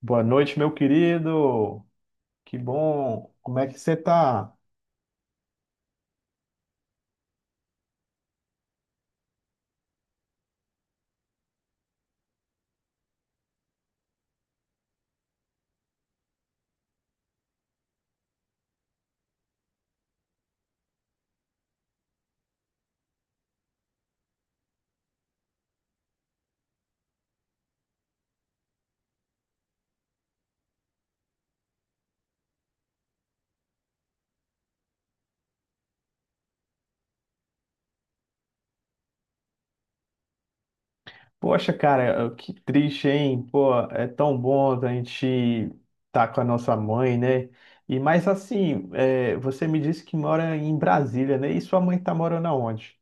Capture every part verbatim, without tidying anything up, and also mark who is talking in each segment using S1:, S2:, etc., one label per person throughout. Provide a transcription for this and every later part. S1: Boa noite, meu querido. Que bom. Como é que você tá? Poxa, cara, que triste, hein? Pô, é tão bom a gente estar com a nossa mãe, né? E mais assim, é, você me disse que mora em Brasília, né? E sua mãe tá morando aonde?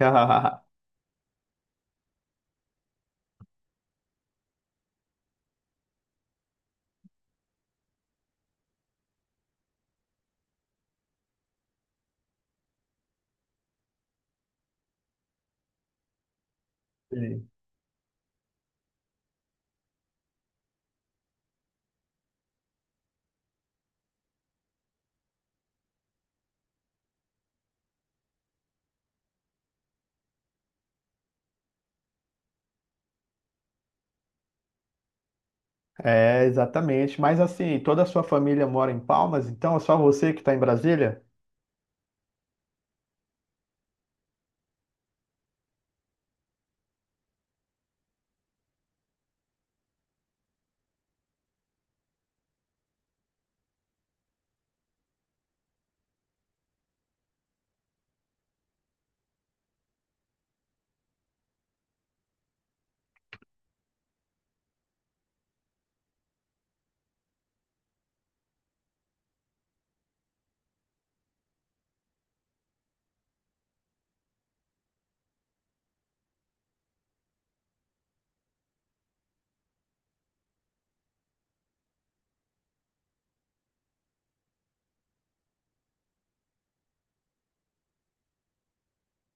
S1: Sim. É, exatamente. Mas assim, toda a sua família mora em Palmas, então é só você que está em Brasília?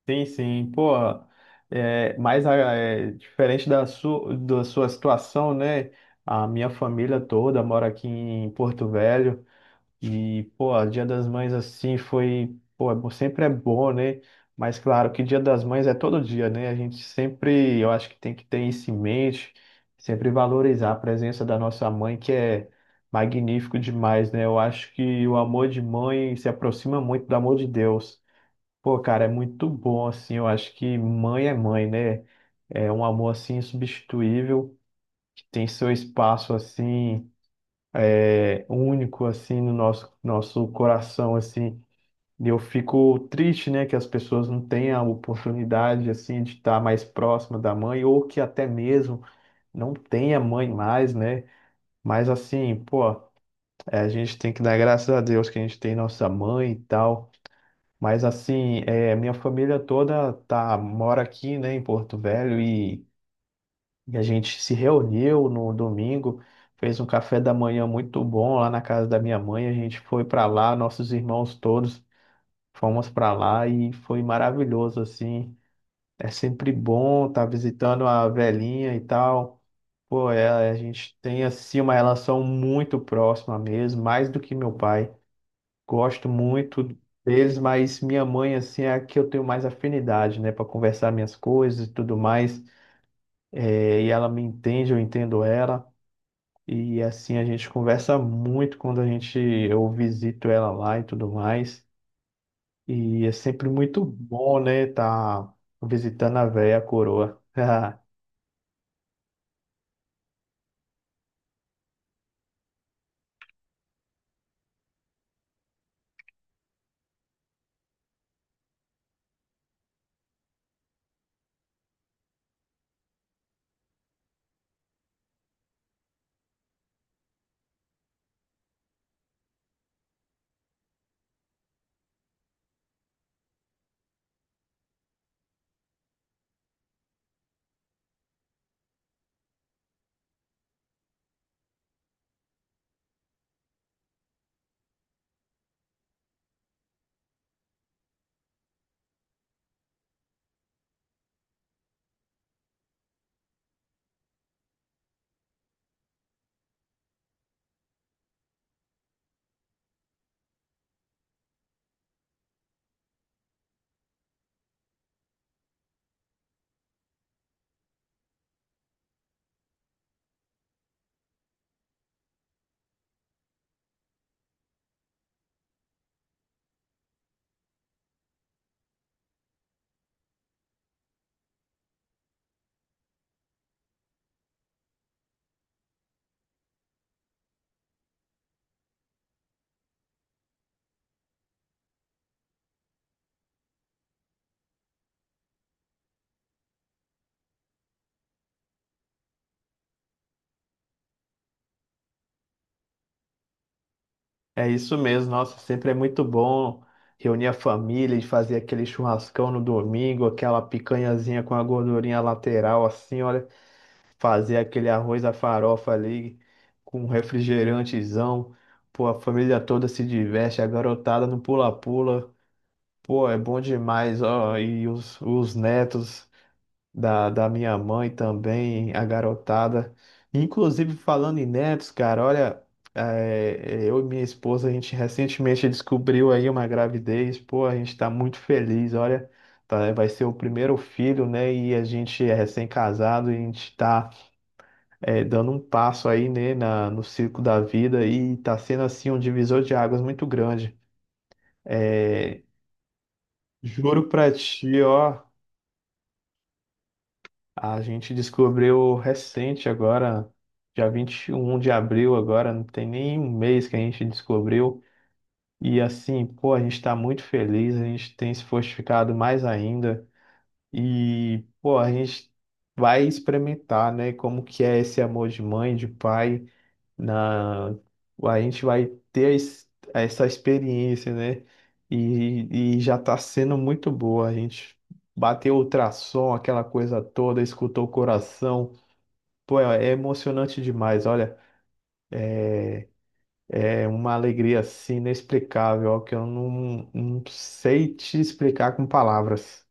S1: Sim, sim, pô, é, mas ah, é, diferente da sua, da sua situação, né? A minha família toda mora aqui em Porto Velho e, pô, Dia das Mães assim foi, pô, é bom- sempre é bom, né? Mas claro que Dia das Mães é todo dia, né? A gente sempre, eu acho que tem que ter isso em mente, sempre valorizar a presença da nossa mãe, que é magnífico demais, né? Eu acho que o amor de mãe se aproxima muito do amor de Deus. Pô, cara, é muito bom, assim, eu acho que mãe é mãe, né? É um amor, assim, insubstituível, que tem seu espaço, assim, é, único, assim, no nosso, nosso coração, assim. E eu fico triste, né, que as pessoas não tenham a oportunidade, assim, de estar mais próxima da mãe, ou que até mesmo não tenha mãe mais, né? Mas, assim, pô, é, a gente tem que dar graças a Deus que a gente tem nossa mãe e tal. Mas assim, é, minha família toda tá, mora aqui, né, em Porto Velho e, e a gente se reuniu no domingo, fez um café da manhã muito bom lá na casa da minha mãe. A gente foi para lá, nossos irmãos todos fomos para lá e foi maravilhoso assim. É sempre bom estar visitando a velhinha e tal. Pô, é, a gente tem assim uma relação muito próxima mesmo, mais do que meu pai. Gosto muito deles, mas minha mãe, assim, é a que eu tenho mais afinidade, né, para conversar minhas coisas e tudo mais. É, e ela me entende, eu entendo ela. E assim a gente conversa muito quando a gente eu visito ela lá e tudo mais. E é sempre muito bom, né, tá visitando a velha coroa. É isso mesmo, nossa, sempre é muito bom reunir a família e fazer aquele churrascão no domingo, aquela picanhazinha com a gordurinha lateral assim, olha. Fazer aquele arroz à farofa ali com um refrigerantezão. Pô, a família toda se diverte, a garotada no pula-pula. Pô, é bom demais, ó. E os, os netos da, da minha mãe também, a garotada. Inclusive, falando em netos, cara, olha, é, eu e minha esposa, a gente recentemente descobriu aí uma gravidez. Pô, a gente tá muito feliz, olha. tá, Vai ser o primeiro filho, né? E a gente é recém-casado e a gente tá é, dando um passo aí, né, na, no circo da vida e tá sendo assim um divisor de águas muito grande. É, Juro pra ti, ó, a gente descobriu recente agora, dia vinte e um de abril agora, não tem nem um mês que a gente descobriu. E assim, pô, a gente tá muito feliz, a gente tem se fortificado mais ainda. E, pô, a gente vai experimentar, né, como que é esse amor de mãe, de pai. Na a gente vai ter a es- Essa experiência, né? E, e já tá sendo muito boa. A gente bateu o ultrassom, aquela coisa toda, escutou o coração. Pô, é é emocionante demais. Olha, é uma alegria assim inexplicável, ó, que eu não, não sei te explicar com palavras.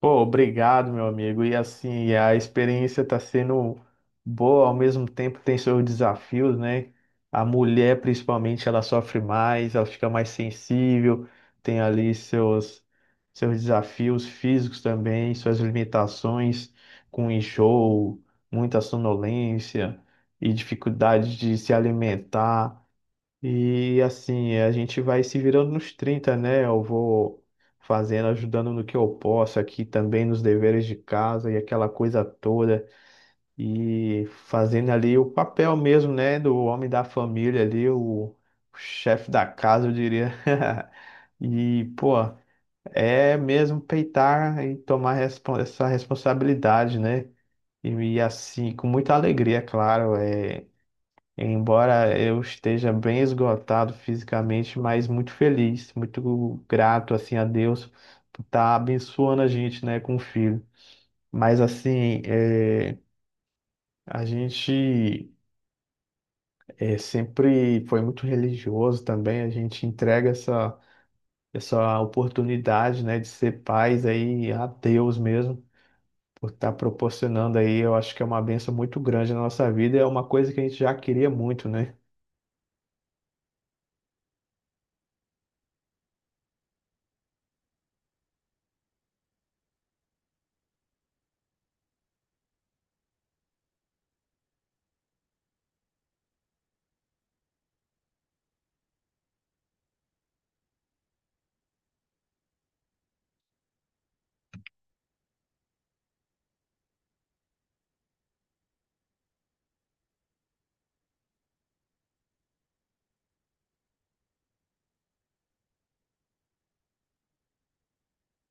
S1: Pô, obrigado, meu amigo. E assim, a experiência está sendo boa, ao mesmo tempo tem seus desafios, né? A mulher, principalmente, ela sofre mais, ela fica mais sensível, tem ali seus, seus desafios físicos também, suas limitações com enjoo, muita sonolência e dificuldade de se alimentar. E assim, a gente vai se virando nos trinta, né? Eu vou fazendo, ajudando no que eu posso aqui também nos deveres de casa e aquela coisa toda. E fazendo ali o papel mesmo, né? Do homem da família ali, o chefe da casa, eu diria. E, pô, é mesmo peitar e tomar respon- essa responsabilidade, né? E, e assim, com muita alegria, é claro. É Embora eu esteja bem esgotado fisicamente, mas muito feliz, muito grato assim a Deus por estar abençoando a gente, né, com o filho. Mas assim, é, a gente é, sempre foi muito religioso também. A gente entrega essa essa oportunidade, né, de ser pais aí a Deus mesmo por estar proporcionando aí. Eu acho que é uma bênção muito grande na nossa vida. É uma coisa que a gente já queria muito, né?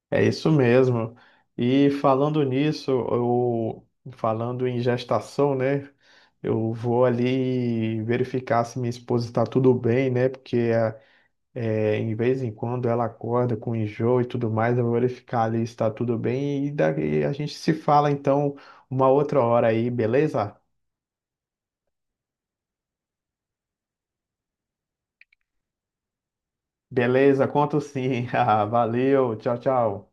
S1: É isso mesmo. E falando nisso, eu, falando em gestação, né? Eu vou ali verificar se minha esposa está tudo bem, né? Porque é, é, em vez em quando ela acorda com enjoo e tudo mais, eu vou verificar ali se está tudo bem e daí a gente se fala então uma outra hora aí, beleza? Beleza, conto sim. Ah, valeu, tchau, tchau.